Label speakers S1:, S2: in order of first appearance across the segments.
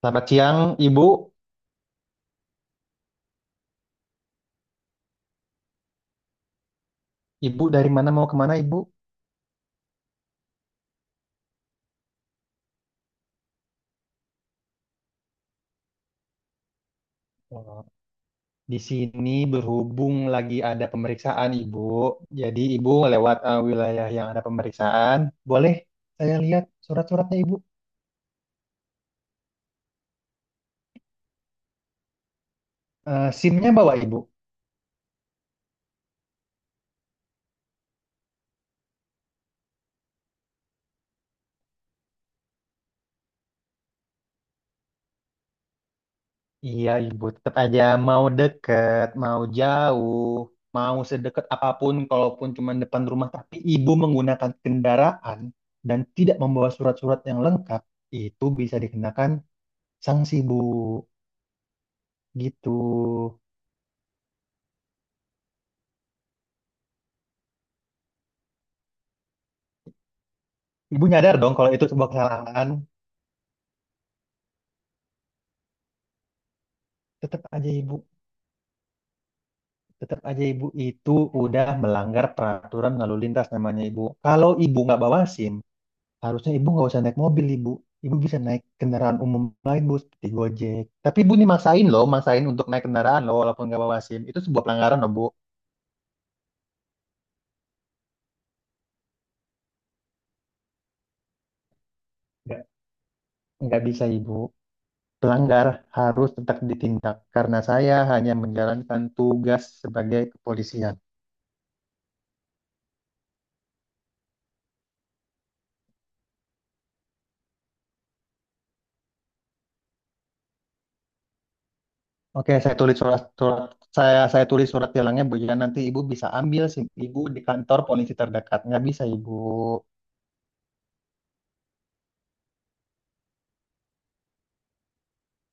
S1: Selamat siang, Ibu. Ibu dari mana mau kemana, Ibu? Oh, di sini berhubung lagi ada pemeriksaan, Ibu. Jadi, Ibu lewat wilayah yang ada pemeriksaan. Boleh saya lihat surat-suratnya, Ibu? SIM-nya bawa, Ibu? Iya, Ibu. Tetap aja mau deket, mau jauh, mau sedekat apapun, kalaupun cuma depan rumah, tapi Ibu menggunakan kendaraan dan tidak membawa surat-surat yang lengkap, itu bisa dikenakan sanksi, Bu. Gitu. Ibu nyadar dong kalau itu sebuah kesalahan. Tetap aja ibu, tetap aja ibu itu udah melanggar peraturan lalu lintas namanya ibu. Kalau ibu nggak bawa SIM, harusnya ibu nggak usah naik mobil ibu. Ibu bisa naik kendaraan umum lain bu, seperti Gojek. Tapi ibu nih maksain loh, maksain untuk naik kendaraan loh, walaupun nggak bawa SIM. Itu sebuah pelanggaran loh bu. Nggak, nggak bisa ibu. Pelanggar harus tetap ditindak karena saya hanya menjalankan tugas sebagai kepolisian. Oke, saya tulis surat surat saya tulis surat tilangnya Bu ya, nanti Ibu bisa ambil SIM Ibu di kantor polisi terdekat. Nggak bisa Ibu.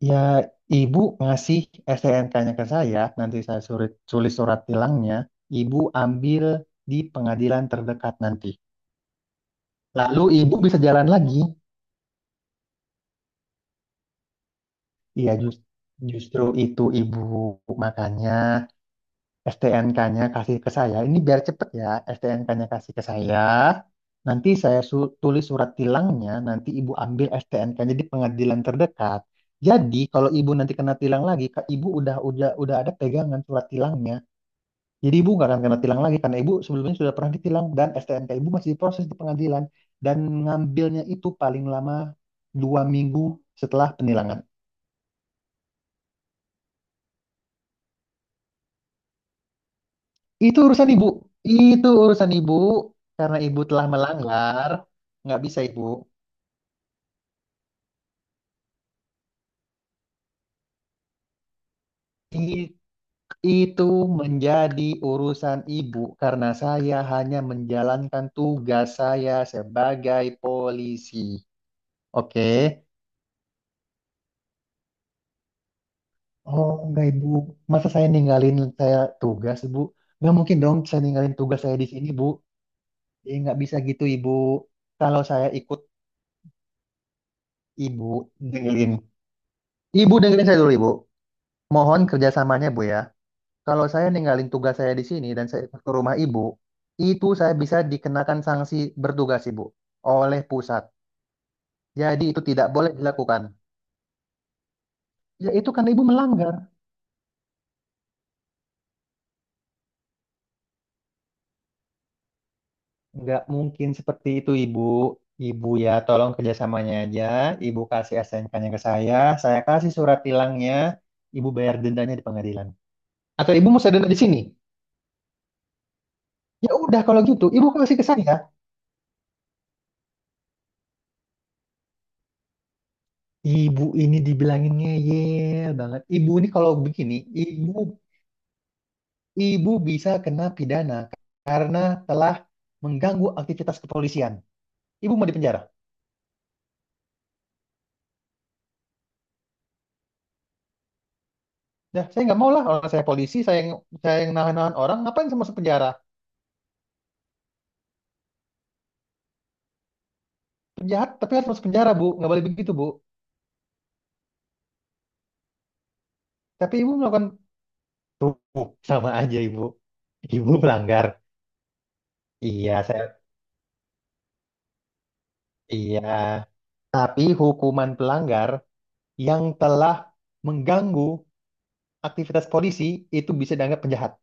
S1: Ya, Ibu ngasih STNK-nya ke saya, nanti saya surat, tulis surat tilangnya, Ibu ambil di pengadilan terdekat nanti. Lalu Ibu bisa jalan lagi. Iya, justru itu Ibu. Makanya STNK-nya kasih ke saya. Ini biar cepet ya. STNK-nya kasih ke saya. Nanti saya tulis surat tilangnya. Nanti ibu ambil STNK-nya di pengadilan terdekat. Jadi kalau ibu nanti kena tilang lagi, Kak, ibu udah ada pegangan surat tilangnya. Jadi ibu nggak akan kena tilang lagi karena ibu sebelumnya sudah pernah ditilang dan STNK ibu masih diproses di pengadilan dan ngambilnya itu paling lama 2 minggu setelah penilangan. Itu urusan ibu. Itu urusan ibu. Karena ibu telah melanggar, nggak bisa ibu. I- Itu menjadi urusan ibu karena saya hanya menjalankan tugas saya sebagai polisi. Oke. Oh, enggak ibu. Masa saya ninggalin tugas ibu? Nggak mungkin dong saya ninggalin tugas saya di sini bu. Nggak bisa gitu ibu. Kalau saya ikut ibu dengerin. Ibu dengerin saya dulu ibu. Mohon kerjasamanya bu ya. Kalau saya ninggalin tugas saya di sini dan saya ke rumah ibu, itu saya bisa dikenakan sanksi bertugas ibu oleh pusat. Jadi itu tidak boleh dilakukan. Ya itu kan ibu melanggar. Nggak mungkin seperti itu ibu. Ibu ya tolong kerjasamanya aja. Ibu kasih SNK-nya ke saya kasih surat tilangnya, ibu bayar dendanya di pengadilan. Atau ibu mau saya denda di sini? Ya udah kalau gitu, ibu kasih ke saya. Ibu ini dibilangin ngeyel banget. Ibu ini kalau begini, ibu Ibu bisa kena pidana karena telah mengganggu aktivitas kepolisian. Ibu mau dipenjara. Nah, saya nggak mau lah orang saya polisi, saya yang nahan-nahan orang, ngapain saya masuk penjara? Penjahat tapi harus masuk penjara, Bu. Nggak boleh begitu, Bu. Tapi Ibu melakukan tuh sama aja, Ibu. Ibu melanggar. Iya, saya iya. Tapi hukuman pelanggar yang telah mengganggu aktivitas polisi itu bisa dianggap penjahat.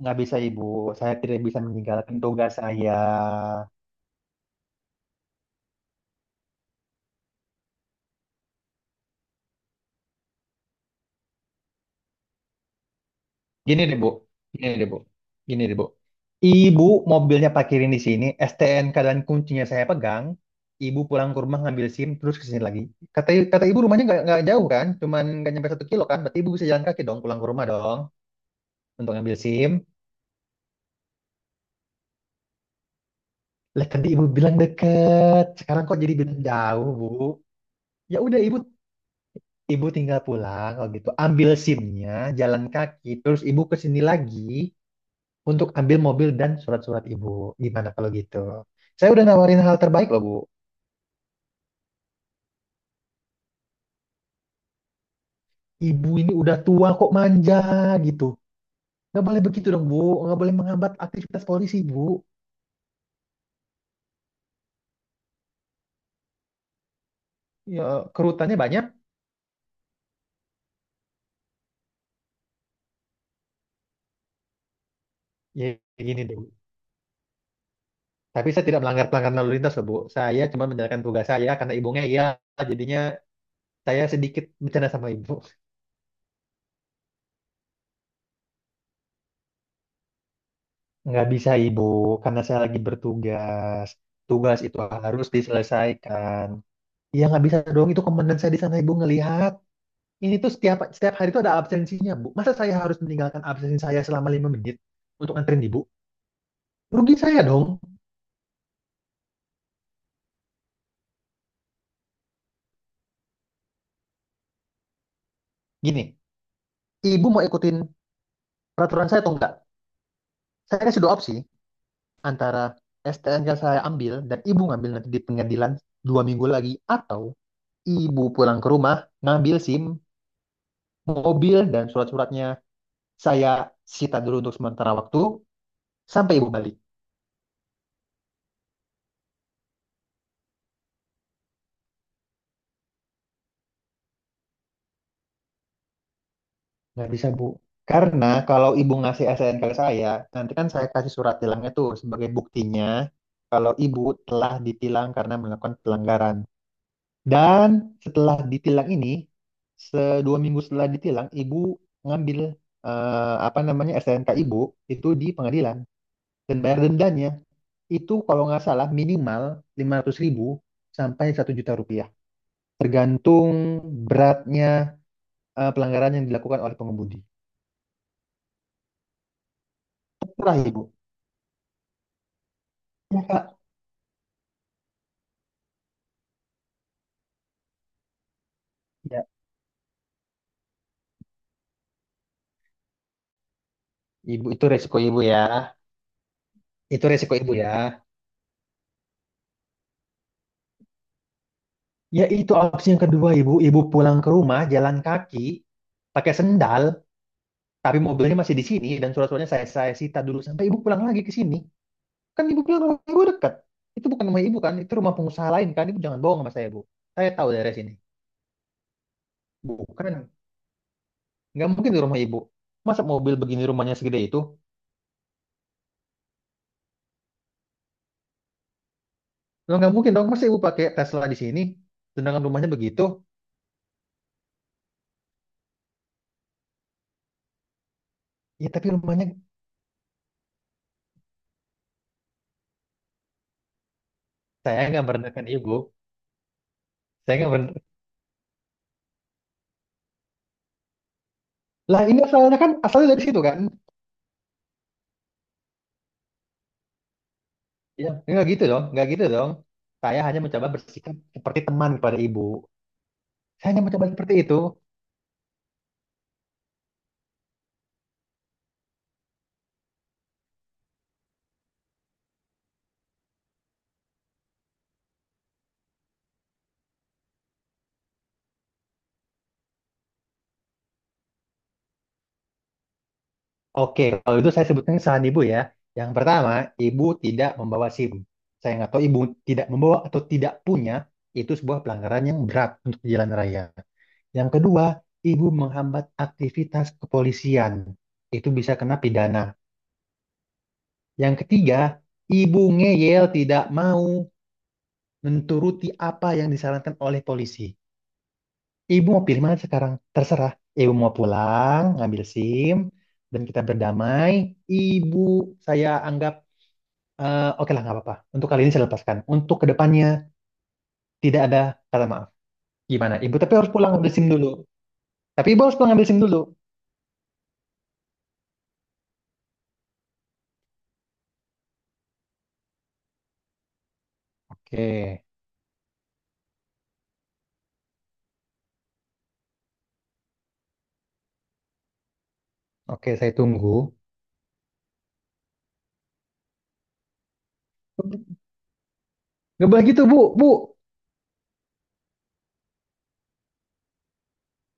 S1: Nggak bisa, Ibu. Saya tidak bisa meninggalkan tugas saya. Gini deh, Bu. Gini deh, Bu. Gini deh, Bu. Ibu mobilnya parkirin di sini, STNK dan kuncinya saya pegang. Ibu pulang ke rumah ngambil SIM terus ke sini lagi. Kata kata ibu rumahnya nggak jauh kan, cuman nggak nyampe 1 kilo kan. Berarti ibu bisa jalan kaki dong pulang ke rumah dong untuk ngambil SIM. Lah tadi ibu bilang deket, sekarang kok jadi bilang jauh, Bu? Ya udah ibu ibu tinggal pulang kalau gitu. Ambil SIM-nya, jalan kaki, terus ibu ke sini lagi, untuk ambil mobil dan surat-surat ibu. Gimana kalau gitu? Saya udah nawarin hal terbaik loh, Bu. Ibu ini udah tua kok manja gitu. Nggak boleh begitu dong, Bu. Nggak boleh menghambat aktivitas polisi, Bu. Ya, kerutannya banyak. Ya, gini deh, Bu. Tapi saya tidak melanggar pelanggaran lalu lintas loh, Bu. Saya cuma menjalankan tugas saya karena ibunya iya. Jadinya saya sedikit bercanda sama ibu. Nggak bisa, Ibu. Karena saya lagi bertugas. Tugas itu harus diselesaikan. Ya nggak bisa dong, itu komandan saya di sana ibu ngelihat. Ini tuh setiap setiap hari itu ada absensinya, Bu. Masa saya harus meninggalkan absensi saya selama 5 menit untuk nganterin Ibu? Rugi saya dong. Gini, Ibu mau ikutin peraturan saya atau enggak? Saya kasih dua opsi antara STN yang saya ambil dan Ibu ngambil nanti di pengadilan 2 minggu lagi atau Ibu pulang ke rumah ngambil SIM, mobil dan surat-suratnya saya sita dulu untuk sementara waktu sampai Ibu balik. Nggak bisa, Bu. Karena kalau Ibu ngasih SNK ke saya, nanti kan saya kasih surat tilangnya tuh sebagai buktinya kalau Ibu telah ditilang karena melakukan pelanggaran. Dan setelah ditilang ini, 2 minggu setelah ditilang, Ibu ngambil apa namanya SNK Ibu itu di pengadilan dan bayar dendanya, itu kalau nggak salah minimal 500.000 sampai Rp1.000.000, tergantung beratnya pelanggaran yang dilakukan oleh pengemudi. Terserah Ibu. Ya, Kak. Ya, ibu itu resiko ibu ya. Itu resiko ibu ya. Ya itu opsi yang kedua ibu. Ibu pulang ke rumah jalan kaki pakai sendal, tapi mobilnya masih di sini dan surat-suratnya saya sita dulu sampai ibu pulang lagi ke sini. Kan ibu bilang rumah ibu dekat. Itu bukan rumah ibu kan, itu rumah pengusaha lain kan. Ibu jangan bohong sama saya bu. Saya tahu daerah sini. Bukan, nggak mungkin di rumah ibu. Masa mobil begini rumahnya segede itu? Lo nggak mungkin dong. Masa ibu pakai Tesla di sini, sedangkan rumahnya begitu? Ya tapi rumahnya saya nggak merendahkan ibu. Saya nggak meren- Lah ini asalnya kan asalnya dari situ kan? Iya. Enggak gitu dong, enggak gitu dong. Saya hanya mencoba bersikap seperti teman kepada ibu. Saya hanya mencoba seperti itu. Oke, kalau itu saya sebutkan kesalahan ibu ya. Yang pertama, ibu tidak membawa SIM. Saya nggak tahu ibu tidak membawa atau tidak punya, itu sebuah pelanggaran yang berat untuk di jalan raya. Yang kedua, ibu menghambat aktivitas kepolisian. Itu bisa kena pidana. Yang ketiga, ibu ngeyel tidak mau menturuti apa yang disarankan oleh polisi. Ibu mau pilih mana sekarang? Terserah. Ibu mau pulang, ngambil SIM, dan kita berdamai. Ibu saya anggap, oke lah nggak apa-apa. Untuk kali ini saya lepaskan. Untuk kedepannya tidak ada kata maaf. Gimana? Ibu tapi harus pulang ngambil SIM dulu. Tapi ibu harus pulang ngambil SIM dulu. Oke, oke saya tunggu. Nggak boleh gitu bu, bu.